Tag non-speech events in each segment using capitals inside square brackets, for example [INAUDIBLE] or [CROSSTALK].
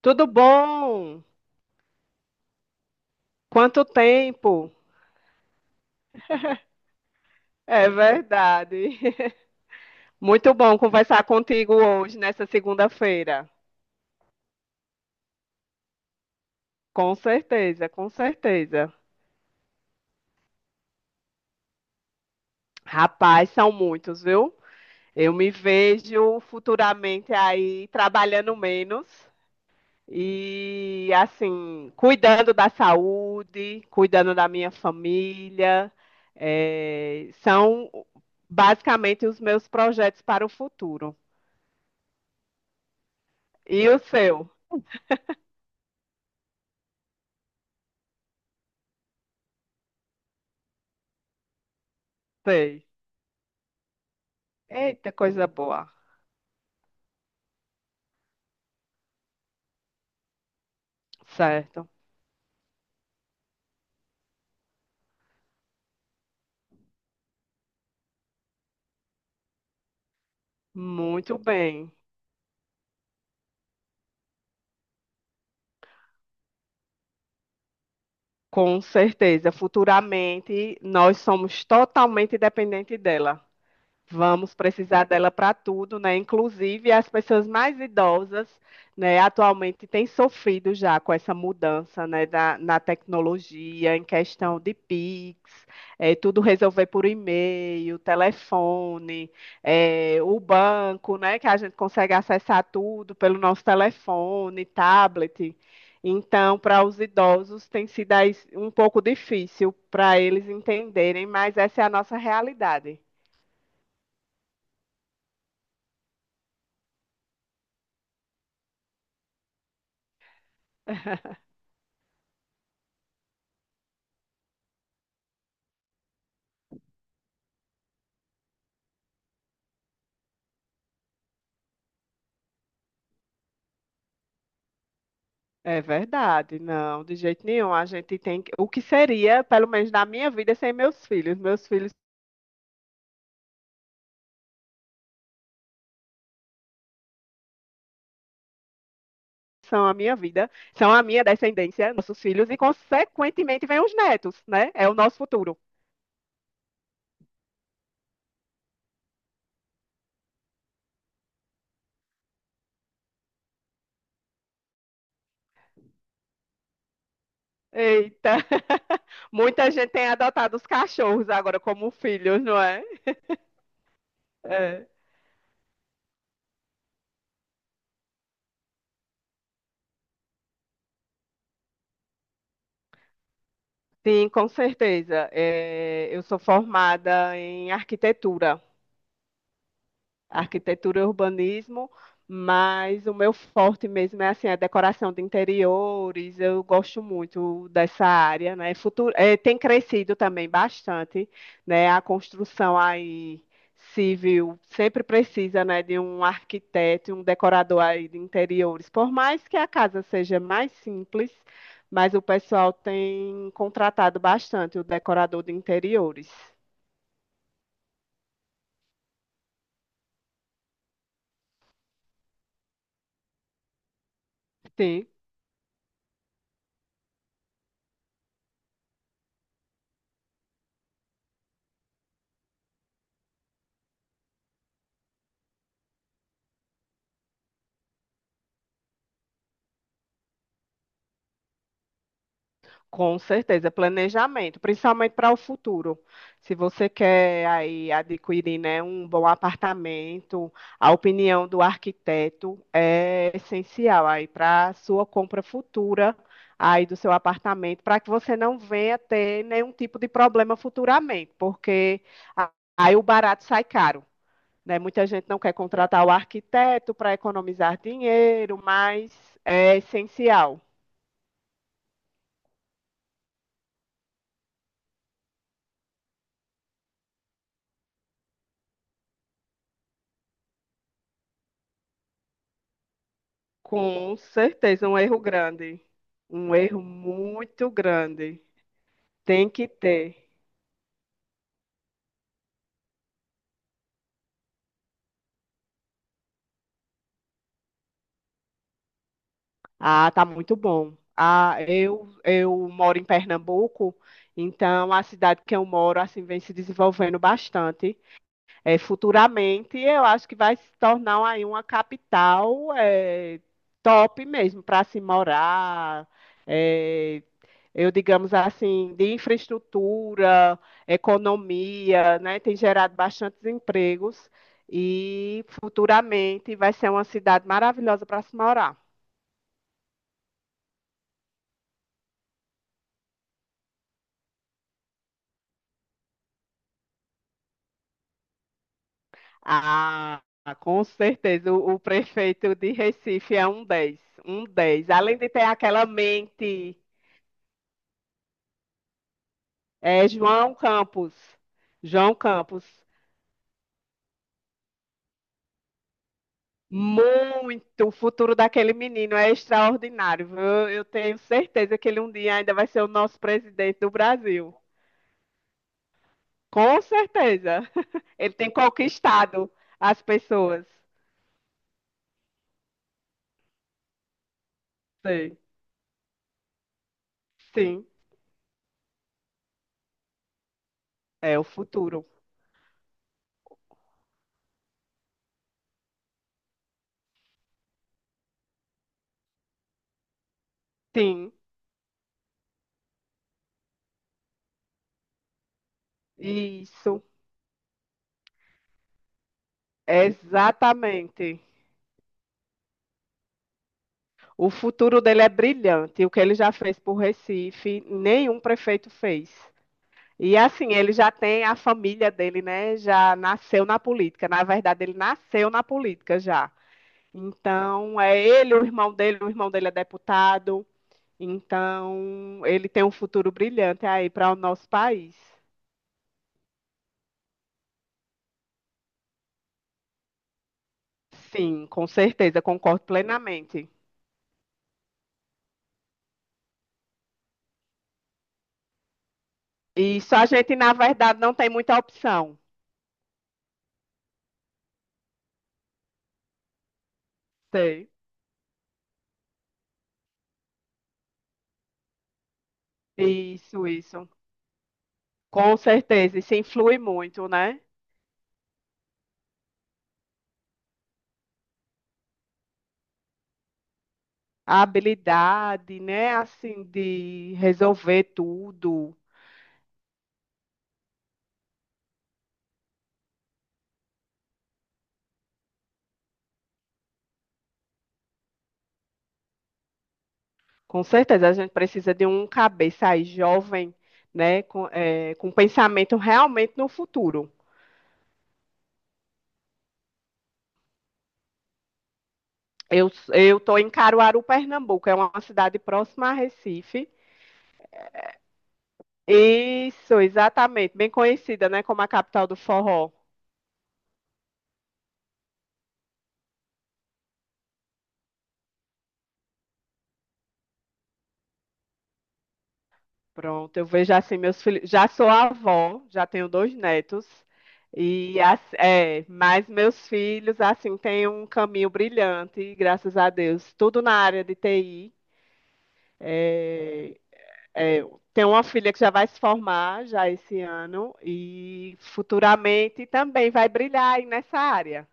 Tudo bom? Quanto tempo? É verdade. [LAUGHS] Muito bom conversar contigo hoje, nessa segunda-feira. Com certeza, com certeza. Rapaz, são muitos, viu? Eu me vejo futuramente aí trabalhando menos e, assim, cuidando da saúde, cuidando da minha família. É, são basicamente os meus projetos para o futuro. E o seu? Sei. Eita, coisa boa. Certo. Muito bem. Com certeza. Futuramente, nós somos totalmente dependentes dela. Vamos precisar dela para tudo, né? Inclusive as pessoas mais idosas, né, atualmente têm sofrido já com essa mudança, né, na tecnologia, em questão de Pix, tudo resolver por e-mail, telefone, o banco, né, que a gente consegue acessar tudo pelo nosso telefone, tablet. Então, para os idosos tem sido aí um pouco difícil para eles entenderem, mas essa é a nossa realidade. É verdade, não, de jeito nenhum. A gente tem que, o que seria, pelo menos na minha vida, sem meus filhos. Meus filhos são a minha vida, são a minha descendência, nossos filhos, e consequentemente vêm os netos, né? É o nosso futuro. Eita! [LAUGHS] Muita gente tem adotado os cachorros agora como filhos, não é? É. Sim, com certeza. É, eu sou formada em arquitetura e urbanismo, mas o meu forte mesmo é assim, a decoração de interiores. Eu gosto muito dessa área, né? Futuro, tem crescido também bastante, né? A construção aí civil sempre precisa, né, de um arquiteto e um decorador aí de interiores. Por mais que a casa seja mais simples, mas o pessoal tem contratado bastante o decorador de interiores. Sim. Com certeza, planejamento, principalmente para o futuro. Se você quer aí adquirir, né, um bom apartamento, a opinião do arquiteto é essencial aí para a sua compra futura aí do seu apartamento, para que você não venha ter nenhum tipo de problema futuramente, porque a- aí o barato sai caro, né? Muita gente não quer contratar o arquiteto para economizar dinheiro, mas é essencial. Com certeza, um erro grande. Um erro muito grande. Tem que ter. Ah, tá muito bom. Ah, eu moro em Pernambuco, então a cidade que eu moro assim vem se desenvolvendo bastante. É, futuramente, eu acho que vai se tornar aí uma capital top mesmo para se morar. é, eu digamos assim, de infraestrutura, economia, né, tem gerado bastantes empregos e futuramente vai ser uma cidade maravilhosa para se morar. Ah, com certeza, o prefeito de Recife é um dez, um dez. Além de ter aquela mente. É João Campos. João Campos. Muito. O futuro daquele menino é extraordinário, viu? Eu tenho certeza que ele um dia ainda vai ser o nosso presidente do Brasil. Com certeza. [LAUGHS] Ele tem conquistado as pessoas. Sei. Sim. É o futuro. Sim. Isso. Exatamente. O futuro dele é brilhante. O que ele já fez por Recife, nenhum prefeito fez. E assim, ele já tem a família dele, né? Já nasceu na política. Na verdade, ele nasceu na política já. Então, é ele, o irmão dele é deputado. Então, ele tem um futuro brilhante aí para o nosso país. Sim, com certeza, concordo plenamente. E só a gente, na verdade, não tem muita opção. Sei. Isso, isso. Com certeza, isso influi muito, né? A habilidade, né? Assim, de resolver tudo. Com certeza, a gente precisa de um cabeça aí jovem, né, com pensamento realmente no futuro. Eu tô em Caruaru, Pernambuco, é uma cidade próxima a Recife. Isso, exatamente, bem conhecida, né, como a capital do forró. Pronto, eu vejo assim meus filhos, já sou avó, já tenho 2 netos e mas meus filhos assim têm um caminho brilhante, graças a Deus, tudo na área de TI. É, tenho uma filha que já vai se formar já esse ano e futuramente também vai brilhar aí nessa área.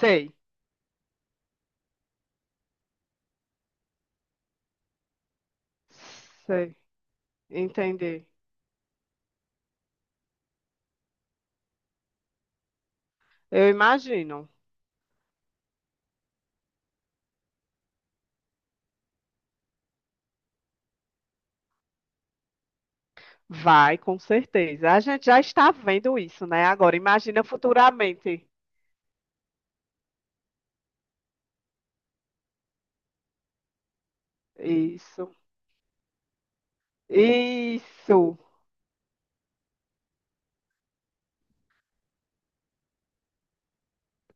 Sei, sei, entendi. Eu imagino. Vai, com certeza. A gente já está vendo isso, né? Agora, imagina futuramente. Isso, isso,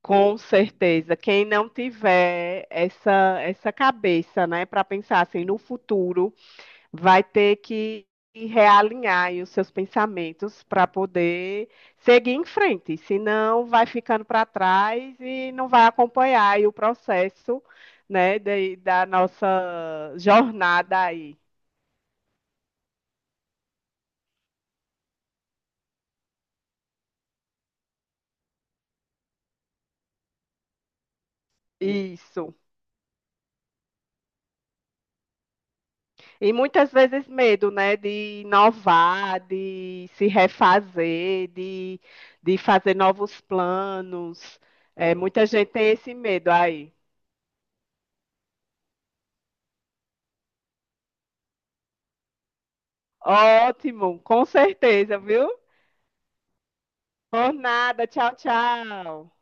com certeza. Quem não tiver essa, cabeça, né, para pensar assim no futuro, vai ter que realinhar aí os seus pensamentos para poder seguir em frente, senão vai ficando para trás e não vai acompanhar aí o processo, né, da nossa jornada aí. Isso. E muitas vezes medo, né, de inovar, de se refazer, de fazer novos planos. É, muita gente tem esse medo aí. Ótimo, com certeza, viu? Por nada. Tchau, tchau.